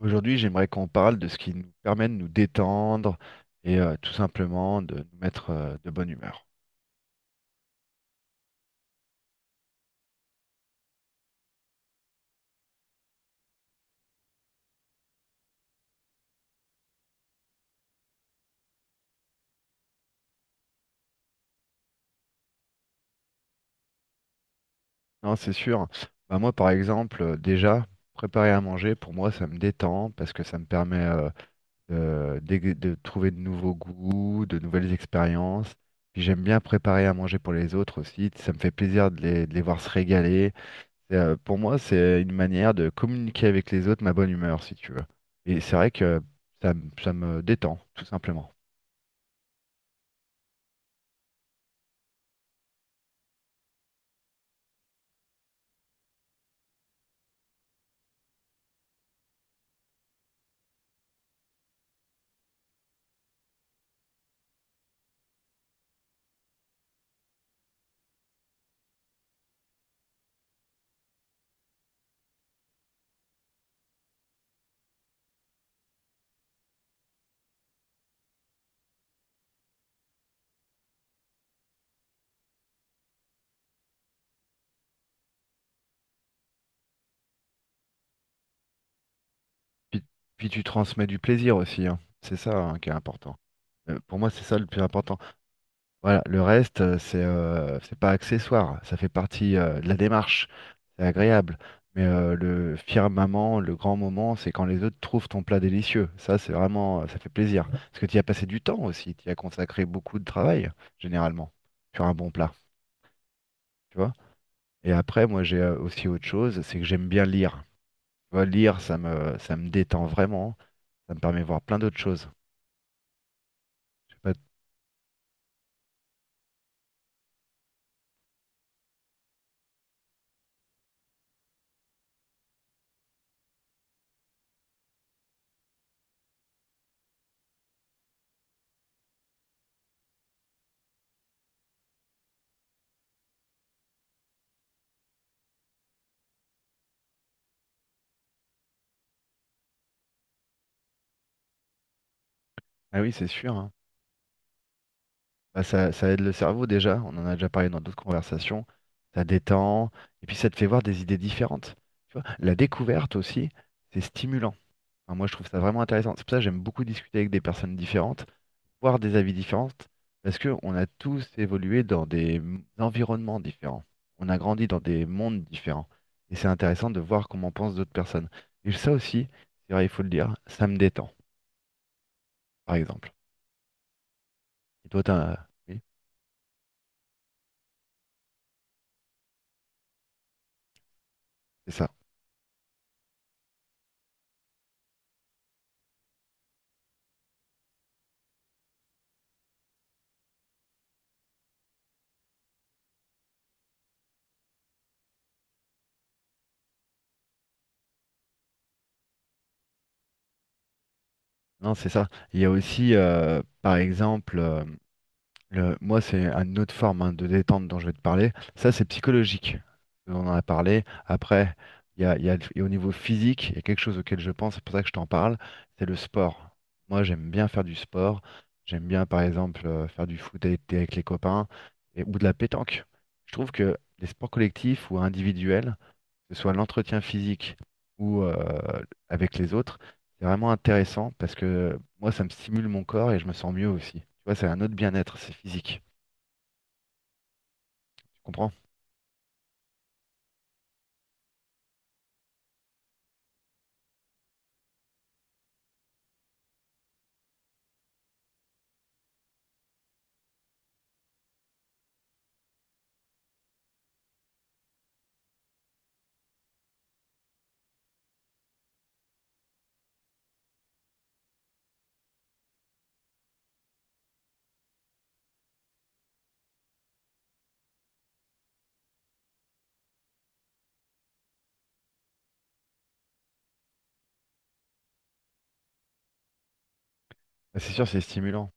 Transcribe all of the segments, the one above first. Aujourd'hui, j'aimerais qu'on parle de ce qui nous permet de nous détendre et tout simplement de nous mettre, de bonne humeur. Non, c'est sûr. Moi, par exemple, déjà, préparer à manger, pour moi, ça me détend parce que ça me permet de trouver de nouveaux goûts, de nouvelles expériences. Puis j'aime bien préparer à manger pour les autres aussi. Ça me fait plaisir de de les voir se régaler. Et, pour moi, c'est une manière de communiquer avec les autres ma bonne humeur, si tu veux. Et c'est vrai que ça me détend, tout simplement. Puis, puis tu transmets du plaisir aussi, hein. C'est ça, hein, qui est important. Pour moi, c'est ça le plus important. Voilà, le reste, c'est pas accessoire. Ça fait partie, de la démarche. C'est agréable. Mais le firmament, le grand moment, c'est quand les autres trouvent ton plat délicieux. Ça, c'est vraiment, ça fait plaisir. Parce que tu y as passé du temps aussi. Tu y as consacré beaucoup de travail, généralement, sur un bon plat. Tu vois? Et après, moi, j'ai aussi autre chose, c'est que j'aime bien lire. Tu vois, lire, ça me détend vraiment. Ça me permet de voir plein d'autres choses. Je sais pas. Ah oui, c'est sûr, hein. Ça, ça aide le cerveau déjà, on en a déjà parlé dans d'autres conversations, ça détend, et puis ça te fait voir des idées différentes. Tu vois, la découverte aussi, c'est stimulant. Enfin, moi, je trouve ça vraiment intéressant. C'est pour ça que j'aime beaucoup discuter avec des personnes différentes, voir des avis différents, parce qu'on a tous évolué dans des environnements différents. On a grandi dans des mondes différents. Et c'est intéressant de voir comment pensent d'autres personnes. Et ça aussi, c'est vrai, il faut le dire, ça me détend, par exemple. Et toi, t'as... Oui, c'est ça. Non, c'est ça. Il y a aussi, moi, c'est une autre forme, hein, de détente dont je vais te parler. Ça, c'est psychologique. On en a parlé. Après, et au niveau physique, il y a quelque chose auquel je pense, c'est pour ça que je t'en parle, c'est le sport. Moi, j'aime bien faire du sport. J'aime bien, par exemple, faire du foot avec les copains et, ou de la pétanque. Je trouve que les sports collectifs ou individuels, que ce soit l'entretien physique ou, avec les autres, c'est vraiment intéressant parce que moi, ça me stimule mon corps et je me sens mieux aussi. Tu vois, c'est un autre bien-être, c'est physique. Tu comprends? Bah, c'est sûr, c'est stimulant.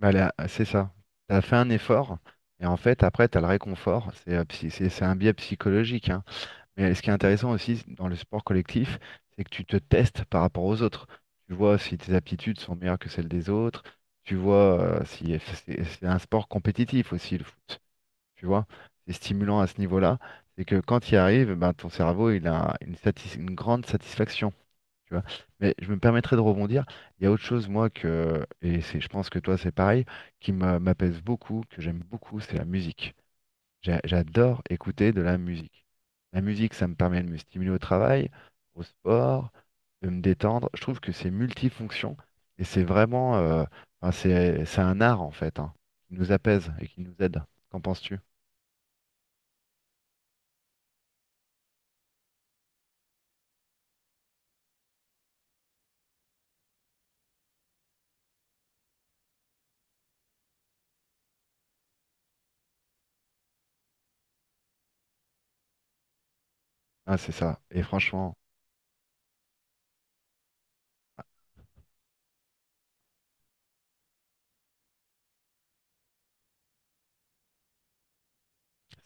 Bah, là, c'est ça. Tu as fait un effort et en fait, après, tu as le réconfort. C'est un biais psychologique, hein. Mais ce qui est intéressant aussi dans le sport collectif, c'est que tu te testes par rapport aux autres. Tu vois si tes aptitudes sont meilleures que celles des autres. Tu vois, si c'est un sport compétitif aussi, le foot. Tu vois, c'est stimulant à ce niveau-là. C'est que quand il arrive, ben, ton cerveau, il a une grande satisfaction. Tu vois. Mais je me permettrai de rebondir. Il y a autre chose, moi, que, et c'est, je pense que toi, c'est pareil, m'apaise beaucoup, que j'aime beaucoup, c'est la musique. J'adore écouter de la musique. La musique, ça me permet de me stimuler au travail, au sport, de me détendre. Je trouve que c'est multifonction et c'est vraiment, enfin, c'est un art, en fait, hein, qui nous apaise et qui nous aide. Qu'en penses-tu? Ah, c'est ça. Et franchement,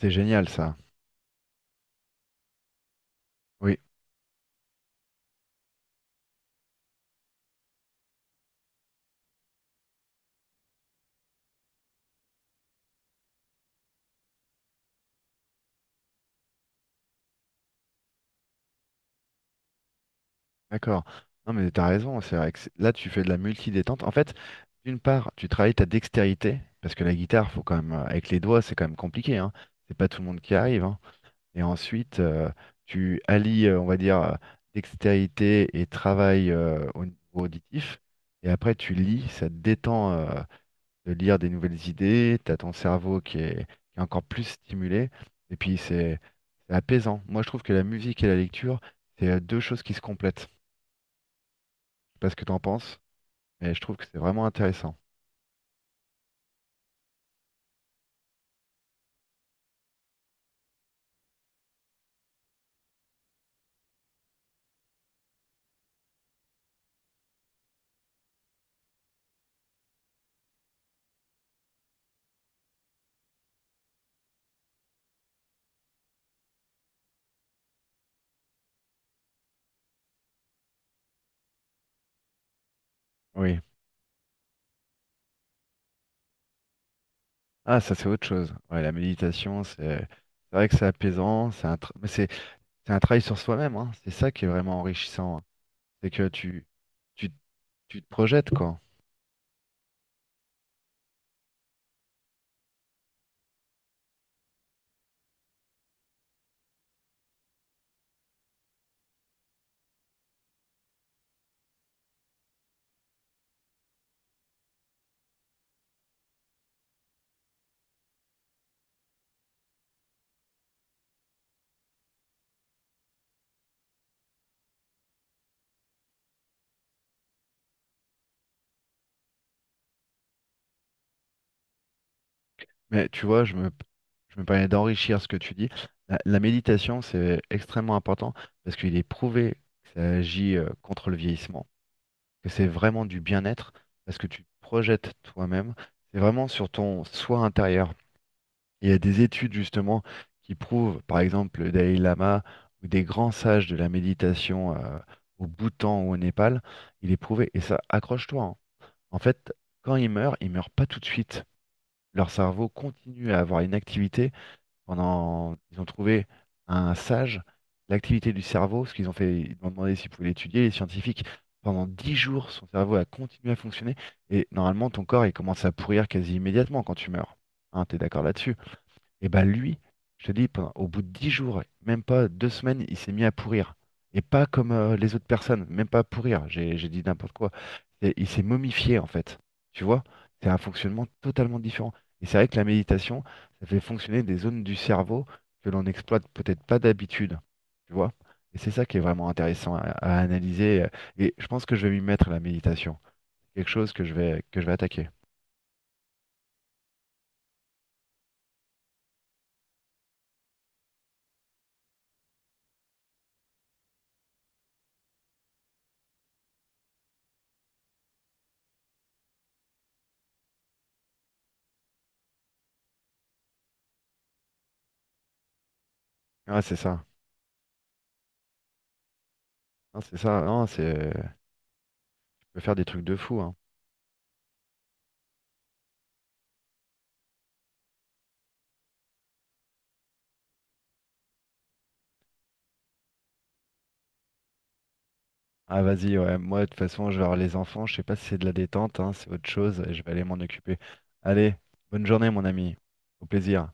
c'est génial ça. Oui, d'accord. Non, mais t'as raison. C'est vrai que là, tu fais de la multi-détente. En fait, d'une part, tu travailles ta dextérité, parce que la guitare, faut quand même, avec les doigts, c'est quand même compliqué, hein. C'est pas tout le monde qui arrive, hein. Et ensuite, tu allies, on va dire, dextérité et travail au niveau auditif. Et après, tu lis, ça te détend, de lire des nouvelles idées, t'as ton cerveau qui est encore plus stimulé, et puis c'est apaisant. Moi, je trouve que la musique et la lecture, c'est, deux choses qui se complètent. Je sais pas ce que t'en penses, mais je trouve que c'est vraiment intéressant. Oui. Ah, ça, c'est autre chose. Ouais, la méditation, c'est vrai que c'est apaisant, mais c'est un travail sur soi-même, hein. C'est ça qui est vraiment enrichissant, hein. C'est que tu, tu te projettes, quoi. Mais tu vois, je me permets d'enrichir ce que tu dis. La méditation, c'est extrêmement important parce qu'il est prouvé que ça agit, contre le vieillissement, que c'est vraiment du bien-être parce que tu te projettes toi-même. C'est vraiment sur ton soi intérieur. Il y a des études justement qui prouvent, par exemple, le Dalai Lama ou des grands sages de la méditation, au Bhoutan ou au Népal, il est prouvé. Et ça, accroche-toi, hein. En fait, quand ils meurent pas tout de suite. Leur cerveau continue à avoir une activité pendant, ils ont trouvé un sage, l'activité du cerveau, ce qu'ils ont fait, ils m'ont demandé s'ils pouvaient l'étudier, les scientifiques, pendant 10 jours, son cerveau a continué à fonctionner, et normalement, ton corps, il commence à pourrir quasi immédiatement quand tu meurs. Hein, t'es d'accord là-dessus? Et bah lui, je te dis, au bout de 10 jours, même pas 2 semaines, il s'est mis à pourrir. Et pas comme les autres personnes, même pas à pourrir, j'ai dit n'importe quoi. Il s'est momifié en fait. Tu vois, c'est un fonctionnement totalement différent. Et c'est vrai que la méditation, ça fait fonctionner des zones du cerveau que l'on n'exploite peut-être pas d'habitude. Tu vois? Et c'est ça qui est vraiment intéressant à analyser. Et je pense que je vais m'y mettre à la méditation. Quelque chose que je vais attaquer. Ah, c'est ça. Non, c'est ça. Non, c'est. Tu peux faire des trucs de fou, hein. Ah vas-y, ouais. Moi, de toute façon, je vais voir les enfants. Je sais pas si c'est de la détente, hein, c'est autre chose. Et je vais aller m'en occuper. Allez, bonne journée, mon ami. Au plaisir.